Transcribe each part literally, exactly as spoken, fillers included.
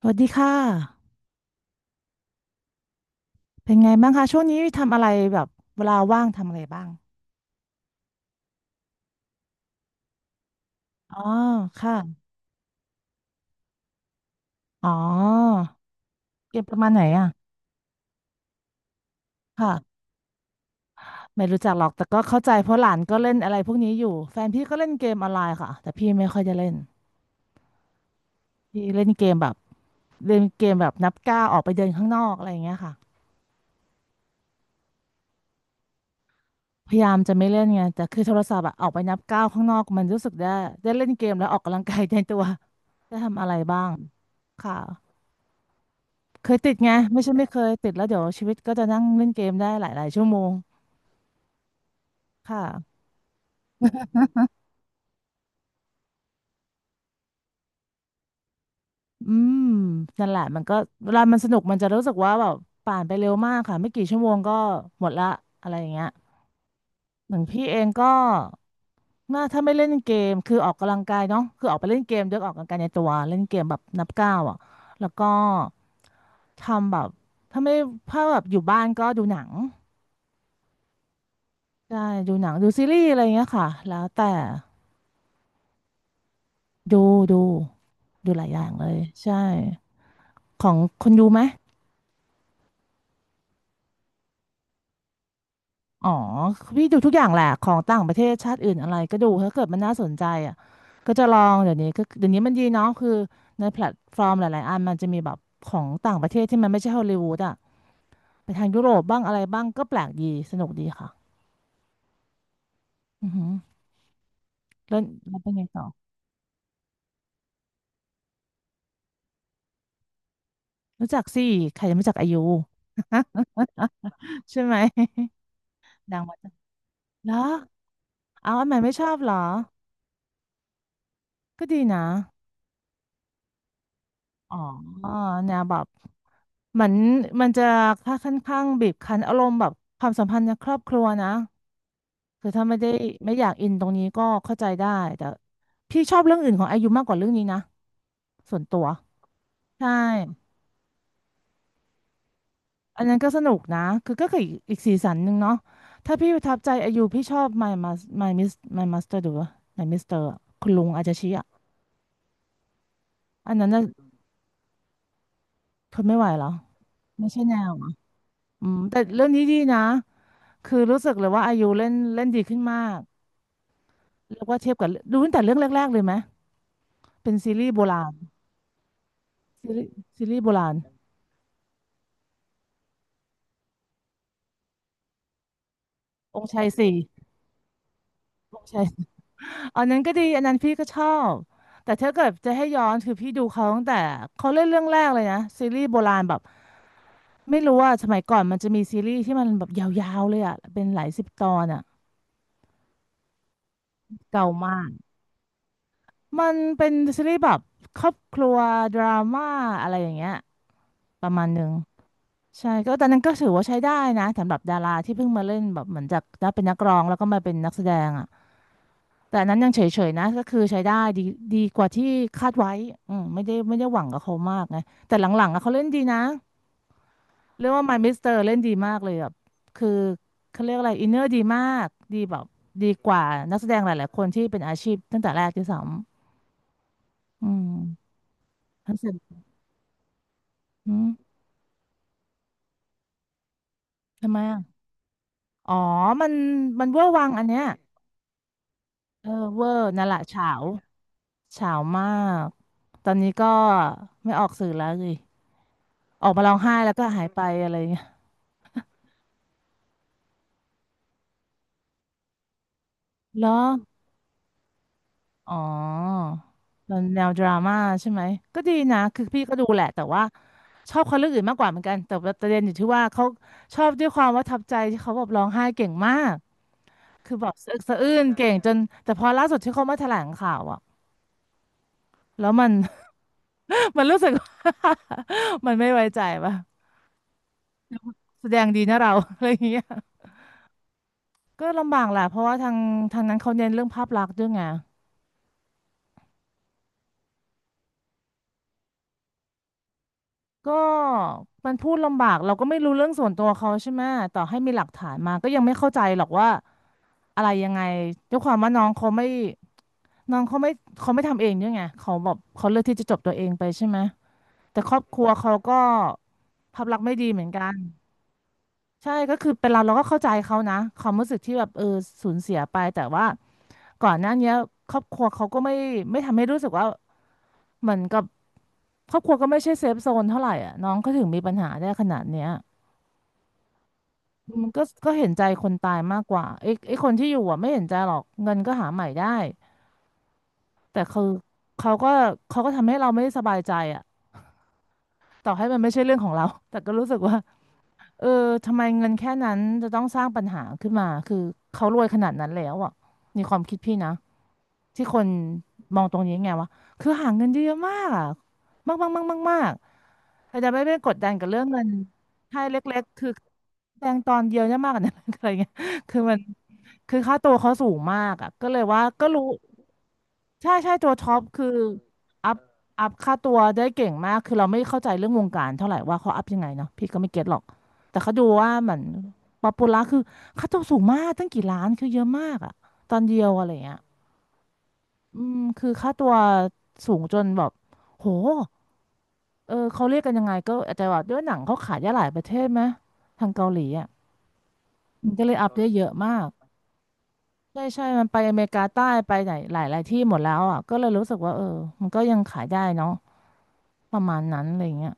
สวัสดีค่ะ เป็นไงบ้างคะช่วงนี้ทำอะไรแบบเวลาว่างทำอะไรบ้างอ๋อค่ะอ๋อเกมประมาณไหนอ่ะค่ะไม่รู้จักหรอก แต่ก็เข้าใจเพราะหลานก็เล่นอะไรพวกนี้อยู่แฟนพี่ก็เล่นเกมออนไลน์ค่ะแต่พี่ไม่ค่อยจะเล่นพี่เล่นเกมแบบเล่นเกมแบบนับก้าวออกไปเดินข้างนอกอะไรอย่างเงี้ยค่ะพยายามจะไม่เล่นไง แต่คือโทรศัพท์อะออกไปนับก้าวข้างนอกมันรู้สึกได้ได้เล่นเกมแล้วออกกำลังกายในตัวได้ทำอะไรบ้างค่ะ เคยติดไงไม่ใช่ไม่เคยติดแล้วเดี๋ยวชีวิตก็จะนั่งเล่นเกมได้หลายๆชั่วโมงค่ะอืมนั่นแหละมันก็เวลามันสนุกมันจะรู้สึกว่าแบบผ่านไปเร็วมากค่ะไม่กี่ชั่วโมงก็หมดละอะไรอย่างเงี้ยอย่างพี่เองก็น่าถ้าไม่เล่นเกมคือออกกำลังกายเนาะคือออกไปเล่นเกมเดี๋ออกกำลังกายในตัวเล่นเกมแบบนับก้าวอ่ะแล้วก็ทำแบบถ้าไม่ถ้าแบบอยู่บ้านก็ดูหนังใช่ดูหนังดูซีรีส์อะไรอย่างเงี้ยค่ะแล้วแต่ ดูดูดูหลายอย่างเลยใช่ของคนดูไหมอ๋อพี่ดูทุกอย่างแหละของต่างประเทศชาติอื่นอะไรก็ดูถ้าเกิดมันน่าสนใจอ่ะก็จะลองเดี๋ยวนี้ก็เดี๋ยวนี้มันดีเนาะคือในแพลตฟอร์มหลายๆอันมันจะมีแบบของต่างประเทศที่มันไม่ใช่ฮอลลีวูดอ่ะไปทางยุโรปบ้างอะไรบ้างก็แปลกดีสนุกดีค่ะอือหือแล้วแล้วเป็นไงต่อรู้จักสิใครจะไม่รู้จักอายุ ใช่ไหมดังมาจากเหรอเอาอันใหม่ไม่ชอบเหรอก็ดีนะ อ๋อเนี่ยแบบเหมือนมันจะค่าข่อนข้างบีบคั้นอารมณ์แบบความสัมพันธ์ในครอบครัวนะคือถ้าไม่ได้ไม่อยากอินตรงนี้ก็เข้าใจได้แต่พี่ชอบเรื่องอื่นของอายุมากกว่าเรื่องนี้นะส่วนตัวใช่ อันนั้นก็สนุกนะคือก็คืออีกอีกสีสันหนึ่งเนาะถ้าพี่ประทับใจอายุพี่ชอบ มาย แมส มาย มิส มาย มาสเตอร์ ดูวะ My Mister อะคุณลุงอาจจะชี้อ่ะอันนั้นน่ะทนไม่ไหวเหรอไม่ใช่แนวอะอืมแต่เรื่องนี้ดีนะ คือรู้สึกเลยว่าอายุเล่นเล่นดีขึ้นมากเรียกว่าเทียบกับดูตั้งแต่เรื่องแรกๆเลยไหมเป็นซีรีส์โบราณซีรีส์ซีรีส์โบราณองค์ชายสี่องค์ชาย อันนั้นก็ดีอันนั้นพี่ก็ชอบแต่ถ้าเกิดจะให้ย้อนคือพี่ดูเขาตั้งแต่เขาเล่นเรื่องแรกเลยนะซีรีส์โบราณแบบไม่รู้ว่าสมัยก่อนมันจะมีซีรีส์ที่มันแบบยาวๆเลยอ่ะเป็นหลายสิบตอนอ่ะเก่ามากมันเป็นซีรีส์แบบครอบครัวดราม่าอะไรอย่างเงี้ยประมาณหนึ่ง ใช่ก็ตอนนั้นก็ถือว่าใช้ได้นะสำหรับดาราที่เพิ่งมาเล่นแบบเหมือนจากได้เป็นนักร้องแล้วก็มาเป็นนักแสดงอ่ะแต่อันนั้นยังเฉยๆนะก็คือใช้ได้ดีดีกว่าที่คาดไว้อืมไม่ได้ไม่ได้หวังกับเขามากไงแต่หลังๆอ่ะเขาเล่นดีนะเรียกว่า My Mister เล่นดีมากเลยแบบคือเขาเรียกอะไรอินเนอร์ดีมากดีแบบดีกว่านักแสดงหลายๆคนที่เป็นอาชีพตั้งแต่แรกที่สองอืมทั้งเสร็จอืมทำไมอ่ะอ๋อมันมันเวอร์วังอันเนี้ยเออเวอร์นั่นแหละเฉา เฉาวมากตอนนี้ก็ไม่ออกสื่อแล้วสิออกมาร้องไห้แล้วก็หายไปอะไรเงี้ยเหรออ๋อตอนแนวดราม่าใช่ไหมก็ดีนะคือพี่ก็ดูแหละแต่ว่าชอบคนเรื่องอื่นมากกว่าเหมือนกันแต่ประเด็นอยู่ที่ว่าเขาชอบด้วยความว่าทับใจที่เขาแบบร้องไห้เก่งมากคือแบบสะอึกสะอื้นเก่งจนแต่พอล่าสุดที่เขามาแถลงข่าวอ่ะแล้วมัน มันรู้สึกว่า มันไม่ไว้ใจป่ะแสดงดีนะเรา อะไรอย่างเงี้ย ก็ลำบากแหละเพราะว่าทางทางนั้นเขาเน้นเรื่องภาพลักษณ์ด้วยไงก็มันพูดลำบากเราก็ไม่รู้เรื่องส่วนตัวเขาใช่ไหมต่อให้มีหลักฐานมาก็ยังไม่เข้าใจหรอกว่าอะไรยังไงด้วยความว่าน้องเขาไม่น้องเขาไม่เขาไม่ทำเองด้วยไงเขาแบบเขาเลือกที่จะจบตัวเองไปใช่ไหมแต่ครอบครัวเขาก็ภาพลักษณ์ไม่ดีเหมือนกันใช่ก็คือเป็นเราเราก็เข้าใจเขานะความรู้สึกที่แบบเออสูญเสียไปแต่ว่าก่อนหน้าเนี้ยครอบครัวเขาก็ไม่ไม่ทำให้รู้สึกว่าเหมือนกับ ครอบครัวก็ไม่ใช่เซฟโซนเท่าไหร่อ่ะน้องก็ถึงมีปัญหาได้ขนาดเนี้ยมันก็ก็เห็นใจคนตายมากกว่าไอ้ไอ้คนที่อยู่อ่ะไม่เห็นใจหรอกเงินก็หาใหม่ได้แต่คือเขาก็เขาก็ทำให้เราไม่สบายใจอ่ะต่อให้มันไม่ใช่เรื่องของเราแต่ก็รู้สึกว่า เออทำไมเงินแค่นั้นจะต้องสร้างปัญหาขึ้นมาคือเขารวยขนาดนั้นแล้วอ่ะในความคิดพี่นะที่คนมองตรงนี้ไงวะคือหาเงินได้เยอะมากอ่ะมากมากมากมากมากแต่จะไม่ไปกดดันกับเรื่องเงินให้เล็กๆคือแดงตอนเดียวเนี่ยมากกว่านั้น อะไรเงี้ยคือมัน คือค่าตัวเขาสูงมากอ่ะก็เลยว่าก็รู้ใช่ใช่ตัวท็อปคืออัพอัพค่าตัวได้เก่งมากคือเราไม่เข้าใจเรื่องวงการเท่าไหร่ว่าเขาอัพยังไงเนาะพี่ก็ไม่เก็ตหรอกแต่เขาดูว่าเหมือนป๊อปปูล่าคือค่าตัวสูงมากตั้งกี่ล้านคือเยอะมากอะตอนเดียวอะไรเงี้ยอืมคือค่าตัวสูงจนแบบโหเออเขาเรียกกันยังไงก็อาจจะแบบด้วยหนังเขาขายได้หลายประเทศไหมทางเกาหลีอ่ะมันก็เลยอัพได้เยอะมาก ใช่ใช่ มันไปอเมริกาใต้ไปไหนหลายหลายที่หมดแล้วอ่ะก็เลยรู้สึกว่าเออมันก็ยังขายได้เนาะประมาณนั้นอะไรเงี้ย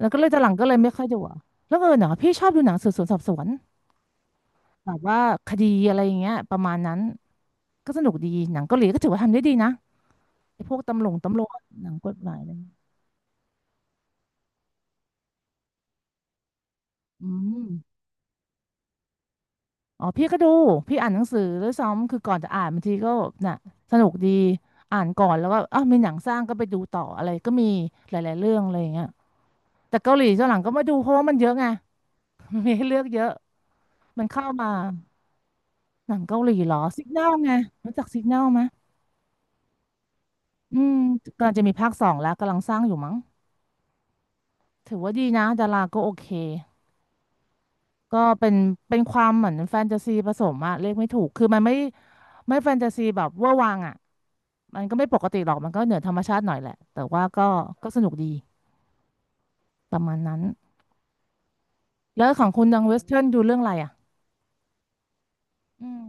แล้วก็เลยตอนหลังก็เลยไม่ค่อยดูอะแล้วเออเนาะพี่ชอบดูหนังสืบสวนสอบสวนแบบว่าคดีอะไรอย่างเงี้ยประมาณนั้นก็สนุกดีหนังเกาหลีก็ถือว่าทำได้ดีนะไอ้พวกตำรวจตำรวจหนังกฎหมายอะไรเงี้ยอืมอ๋อพี่ก็ดูพี่อ่านหนังสือด้วยซ้ำคือก่อนจะอ่านบางทีก็น่ะสนุกดีอ่านก่อนแล้วก็อ้าวมีหนังสร้างก็ไปดูต่ออะไรก็มีหลายๆเรื่องอะไรอย่างเงี้ย แต่เกาหลีตอนหลังก็ไม่ดูเพราะว่ามันเยอะไง มันมีให้เลือกเยอะมันเข้ามาหนังเกาหลีเหรอสิกแนลไงรู้จักสิกแนลไหมอืมกำลังจะมีภาคสองแล้วกำลังสร้างอยู่มั้งถือว่าดีนะดาราก็โอเคก็เป็นเป็นความเหมือนแฟนตาซีผสมอะเรียกไม่ถูกคือมันไม่ไม่แฟนตาซีแบบเวอร์วังอะมันก็ไม่ปกติหรอกมันก็เหนือธรรมชาติหน่อยแหละแต่ว่าก็ก็สนุกดีประมาณนั้นแล้วของคุณดังเวสเทิร์นดูเรื่องอะไรอะอืม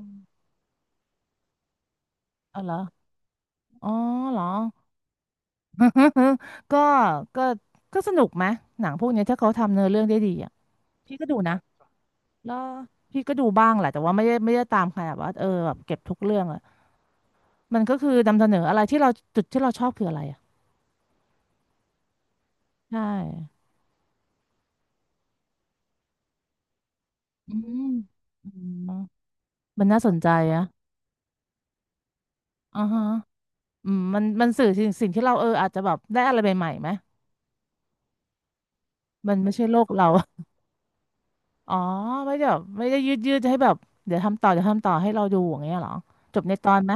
อ๋อเหรออ๋อเหรอ ก็ก็ก็สนุกไหมหนังพวกเนี้ยถ้าเขาทำเนื้อเรื่องได้ดีอ่ะพี่ก็ดูนะแล้วพี่ก็ดูบ้างแหละแต่ว่าไม่ได้ไม่ได้ตามขนาดว่าเออแบบเก็บทุกเรื่องอ่ะมันก็คือนำเสนออะไรที่เราจุดที่เราชอบคืออะไรอ่ะใช่อืมอืมมันน่าสนใจอ่ะอ่าฮะอืมมันมันสื่อสิ่งสิ่งที่เราเอออาจจะแบบได้อะไรใหม่ๆไหมมันไม่ใช่โลกเรา อ๋อไม่ได้แบบไม่ได้ยืดยืดให้แบบเดี๋ยวทำต่อเดี๋ยวทำต่อให้เราดูอย่างเงี้ยเหรอจบในตอนไหม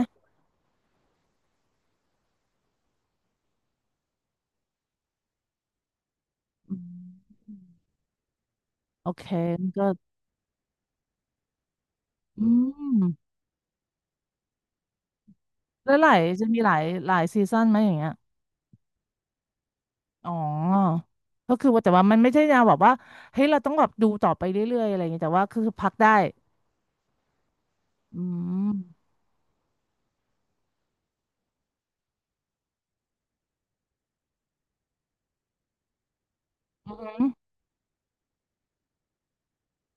อืมโอเค อืมแล้วหลายจะมีหลายหลายซีซันไหมอย่างเงี้ยอ๋อก็คือว่าแต่ว่ามันไม่ใช่แนวแบบว่าเฮ้ยเราต้องแบบดูต่อไปเรื่อยๆอะไรอย่างเงี้ยแต่ว่าคือพักได้อืม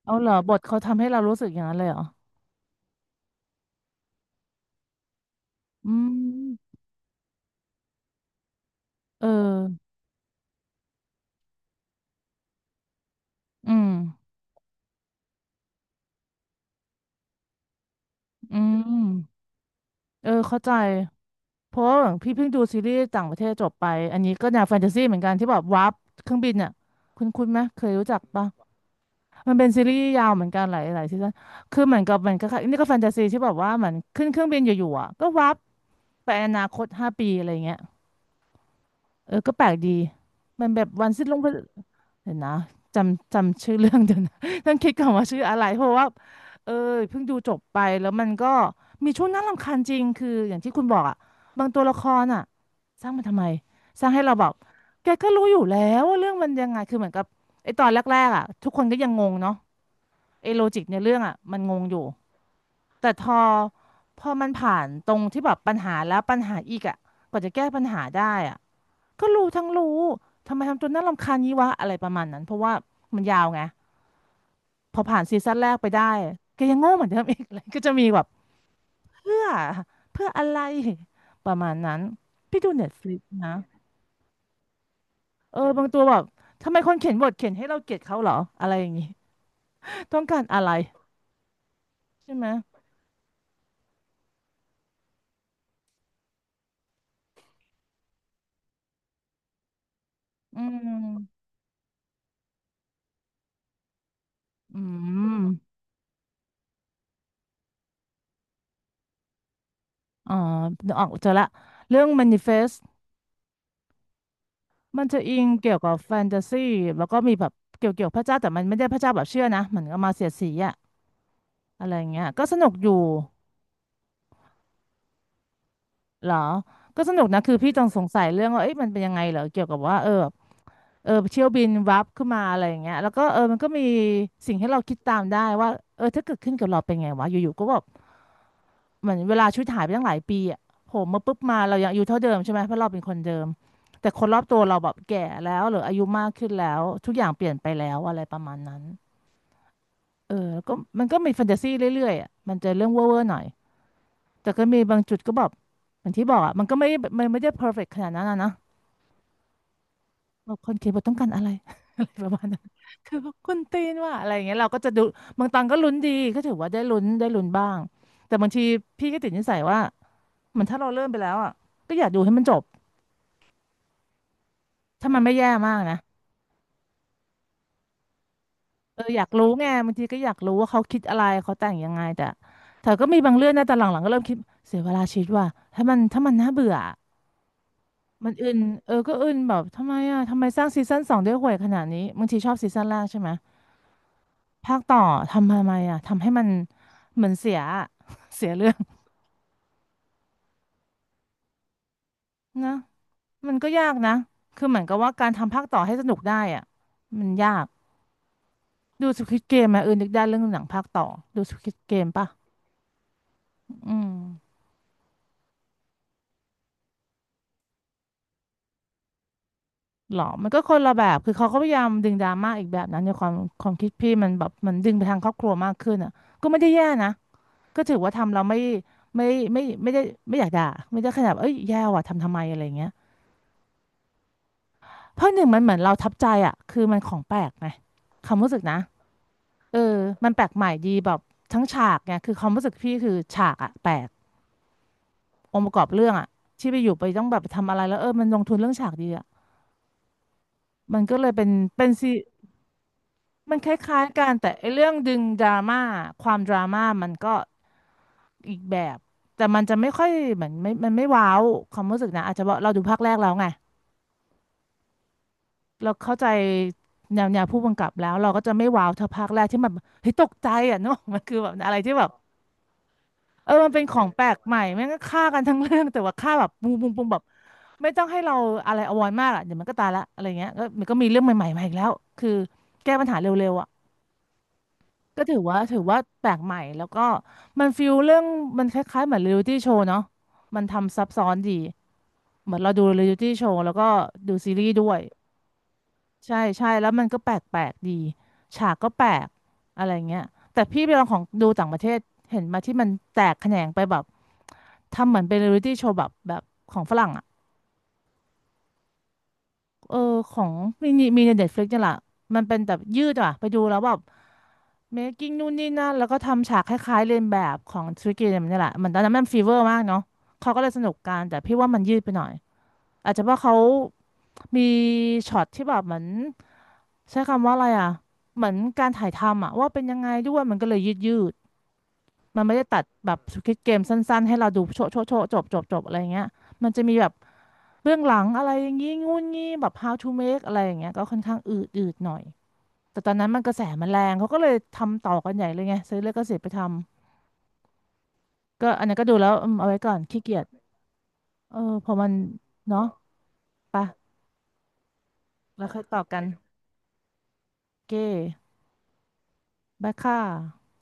เอาเหรอบทเขาทำให้เรารู้สึกอย่างนั้นเลยเหรออืมเอออืมอืมเออเข้าใจเพราะว่าพี่เพิ่งดูซีรีส์ต่างประเทศจบไปอันนี้ก็แนวแฟนตาซีเหมือนกันที่แบบวาร์ปเครื่องบินอ่ะคุณคุณไหมเคยรู้จักปะ มันเป็นซีรีส์ยาวเหมือนกันหลายหลายซีซั่นคือเหมือนกับเหมือนกับนี่ก็แฟนตาซีที่แบบว่าเหมือนขึ้นเครื่องบินอยู่ๆอ่ะก็วับไปอนาคตห้าปีอะไรเงี้ยเออก็แปลกดีมันแบบวันสิ้นโลกเห็นนะจำจำชื่อเรื่องเดี๋ยวนะ ต้องคิดก่อนว่าชื่ออะไรเพราะว่าเออเพิ่งดูจบไปแล้วมันก็มีช่วงน่ารำคาญจริงคืออย่างที่คุณบอกอ่ะบางตัวละครอ่ะสร้างมันทำไมสร้างให้เราแบบแกก็รู้อยู่แล้วว่าเรื่องมันยังไงคือเหมือนกับไอ้ตอนแรกๆอ่ะทุกคนก็ยังงงเนาะ ไอ้โลจิกในเรื่องอ่ะมันงงอยู่แต่พอพอมันผ่านตรงที่แบบปัญหาแล้วปัญหาอีกอ่ะกว่าจะแก้ปัญหาได้อ่ะก็รู้ทั้งรู้ทำไมทำตัวน่ารำคาญงี้วะอะไรประมาณนั้นเพราะว่ามันยาวไงพอผ่านซีซั่นแรกไปได้แกยังโง่เหมือนเดิมอีก เลยก็จะมีแบบเพื่อเพื่ออะไรประมาณนั้นพี่ดูเน็ตฟลิกนะเออบางตัวแบบทำไมคนเขียนบทเขียนให้เราเกลียดเขาเหรออะไรอย่างงี้ ต้องการอะไรใช่ไหมอืมอืม อ๋อออกเจอละเรื่อง Manifest มันจะอิงเกี่ยวกับแฟนตาซีแล้วก็มีแบบเกี่ยวเกี่ยวพระเจ้าแต่มันไม่ได้พระเจ้าแบบเชื่อนะเหมือนก็มาเสียดสีอะอะไรอย่างเงี้ยก็สนุกอยู่เหรอก็สนุกนะคือพี่ต้องสงสัยเรื่องว่าเอ๊ะมันเป็นยังไงเหรอเกี่ยวกับว่าเออแบบเออเที่ยวบินวับขึ้นมาอะไรอย่างเงี้ยแล้วก็เออมันก็มีสิ่งให้เราคิดตามได้ว่าเออถ้าเกิดขึ้นกับเราเป็นไงวะอยู่ๆก็แบบ เหมือนเวลาชุดหายไปตั้งหลายปีอ่ะโหมาปุ๊บมาเรายังอายุเท่าเดิมใช่ไหมเพราะเราเป็นคนเดิมแต่คนรอบตัวเราแบบแก่แล้วหรืออายุมากขึ้นแล้วทุกอย่างเปลี่ยนไปแล้วอะไรประมาณนั้นเออแล้วก็มันก็มีแฟนตาซีเรื่อยๆอ่ะมันจะเรื่องเว่อร์ๆหน่อยแต่ก็มีบางจุดก็แบบอย่างที่บอกอ่ะมันก็ไม่มันไม่ได้เพอร์เฟกต์ขนาดนั้นอะนะแบบคนเขียนบทต้องการอะไร อะไรประมาณนั้นคือแบบคุณตีนว่าอะไรอย่างเงี้ยเราก็จะดูบางตอนก็ลุ้นดีก็ถือว่าได้ลุ้นได้ลุ้นบ้างแต่บางทีพี่ก็ติดนิสัยว่า เหมือนถ้าเราเริ่มไปแล้วอ่ะก็อยากดูให้มันจบถ้ามันไม่แย่มากนะเอออยากรู้ไงบางทีก็อยากรู้ว่าเขาคิดอะไรเขาแต่งยังไงแต่แต่ก็มีบางเรื่องนะแต่หลังๆก็เริ่มคิดเสียเวลาชีวิตว่ะถ้ามันถ้ามันน่าเบื่อมันอึนเออก็อึนแบบทำไมอ่ะทำไมสร้างซีซั่นสองได้ห่วยขนาดนี้บางทีชอบซีซั่นแรกใช่ไหมภาคต่อทำทำไมอ่ะทำให้มันเหมือนเสียอะ เสียเรื่องนะมันก็ยากนะคือเหมือนกับว่าการทำภาคต่อให้สนุกได้อ่ะมันยาก ดูสควิดเกมไหมเออนึกได้เรื่องหนังภาคต่อดูสควิดเกมป่ะอืมหรอมันก็คนละแบบคือเขาก็พยายามดึงดราม่าอีกแบบนั้นในความความคิดพี่มันแบบมันดึงไปทางครอบครัวมากขึ้นอ่ะก็ไม่ได้แย่นะก็ถือว่าทำเราไม่ไม่ไม่ไม่ไม่ได้ไม่อยากด่าไม่ได้ขนาดเอ้ยแย่ว่ะทำทำไมอะไร่เงี้ยเพราะหนึ่งมันเหมือนเราทับใจอ่ะคือมันของแปลกไงความรู้สึกนะเออมันแปลกใหม่ดีแบบทั้งฉากไงคือความรู้สึกพี่คือฉากอ่ะแปลกองค์ประกอบเรื่องอ่ะที่ไปอยู่ไปต้องแบบทำอะไรแล้วเออมันลงทุนเรื่องฉากดีอะ มันก็เลยเป็นเป็นซีมันคล้ายๆกันแต่ไอ้เรื่องดึงดราม่าความดราม่ามันก็อีกแบบแต่มันจะไม่ค่อยเหมือนไม่มันไม่ว้าวความรู้สึกนะอาจจะเพราะเราดูภาคแรกแล้วไงเราเข้าใจแนวแนวผู้กำกับแล้วเราก็จะไม่ว้าวเท่าภาคแรกที่มันเฮ้ยตกใจอ่ะเนกอะมันคือแบบอะไรที่แบบเออมันเป็นของแปลกใหม่แม่งก็ฆ่ากันทั้งเรื่องแต่ว่าฆ่าแบบปุ้งปุ้งปุ้งแบบไม่ต้องให้เราอะไรอวอยมากอ่ะเดี๋ยวมันก็ตายละอะไรเงี้ยก็มันก็มีเรื่องใหม่ๆมาอีกแล้วคือแก้ปัญหาเร็วๆอ่ะ ก็ถือว่าถือว่าแปลกใหม่แล้วก็มันฟิลเรื่องมันคล้ายๆเหมือนเรียลิตี้โชว์เนาะมันทำซับซ้อนดีเหมือนเราดูเรียลิตี้โชว์แล้วก็ดูซีรีส์ด้วยใช่ใช่แล้วมันก็แปลกๆดีฉากก็แปลกอะไรเงี้ยแต่พี่ไปลองของดูต่างประเทศเห็นมาที่มันแตกแขนงไปแบบทำเหมือนเป็นเรียลิตี้โชว์แบบแบบของฝรั่งอ่ะเออของมีมีในเน็ตฟลิกนี่แหละมันเป็นแบบยืดอ่ะไปดูแล้วแบบ เมคกิ้งนู่นนี่นั่นแล้วก็ทำฉากคล้ายๆเลียนแบบของสควิดเกมนี่แหละมันตอนนั้นมันฟีเวอร์มากเนาะเขาก็เลยสนุกกันแต่พี่ว่ามันยืดไปหน่อยอาจจะเพราะเขามีช็อตที่แบบเหมือนใช้คำว่าอะไรอ่ะเหมือนการถ่ายทำอ่ะว่าเป็นยังไงด้วยมันก็เลยยืดยืดมันไม่ได้ตัดแบบสควิดเกมสั้นๆให้เราดูโชะโชะโชะจบจบจบอะไรอย่างเงี้ยมันจะมีแบบเบื้องหลังอะไรอย่างงี้งุ่นงี้แบบ how to make อะไรอย่างเงี้ยก็ค่อนข้างอืดอืดหน่อยแต่ตอนนั้นมันกระแสมันแรงเขาก็เลยทำต่อกันใหญ่เลยไงซื้อเลยก็เสียไปทำ ก็อันนั้นก็ดูแล้วอืมเอาไว้ก่อนขี้เกียจเออพอมันเนาะปะแล้วค่อยต่อกันโอเคบายค่ะ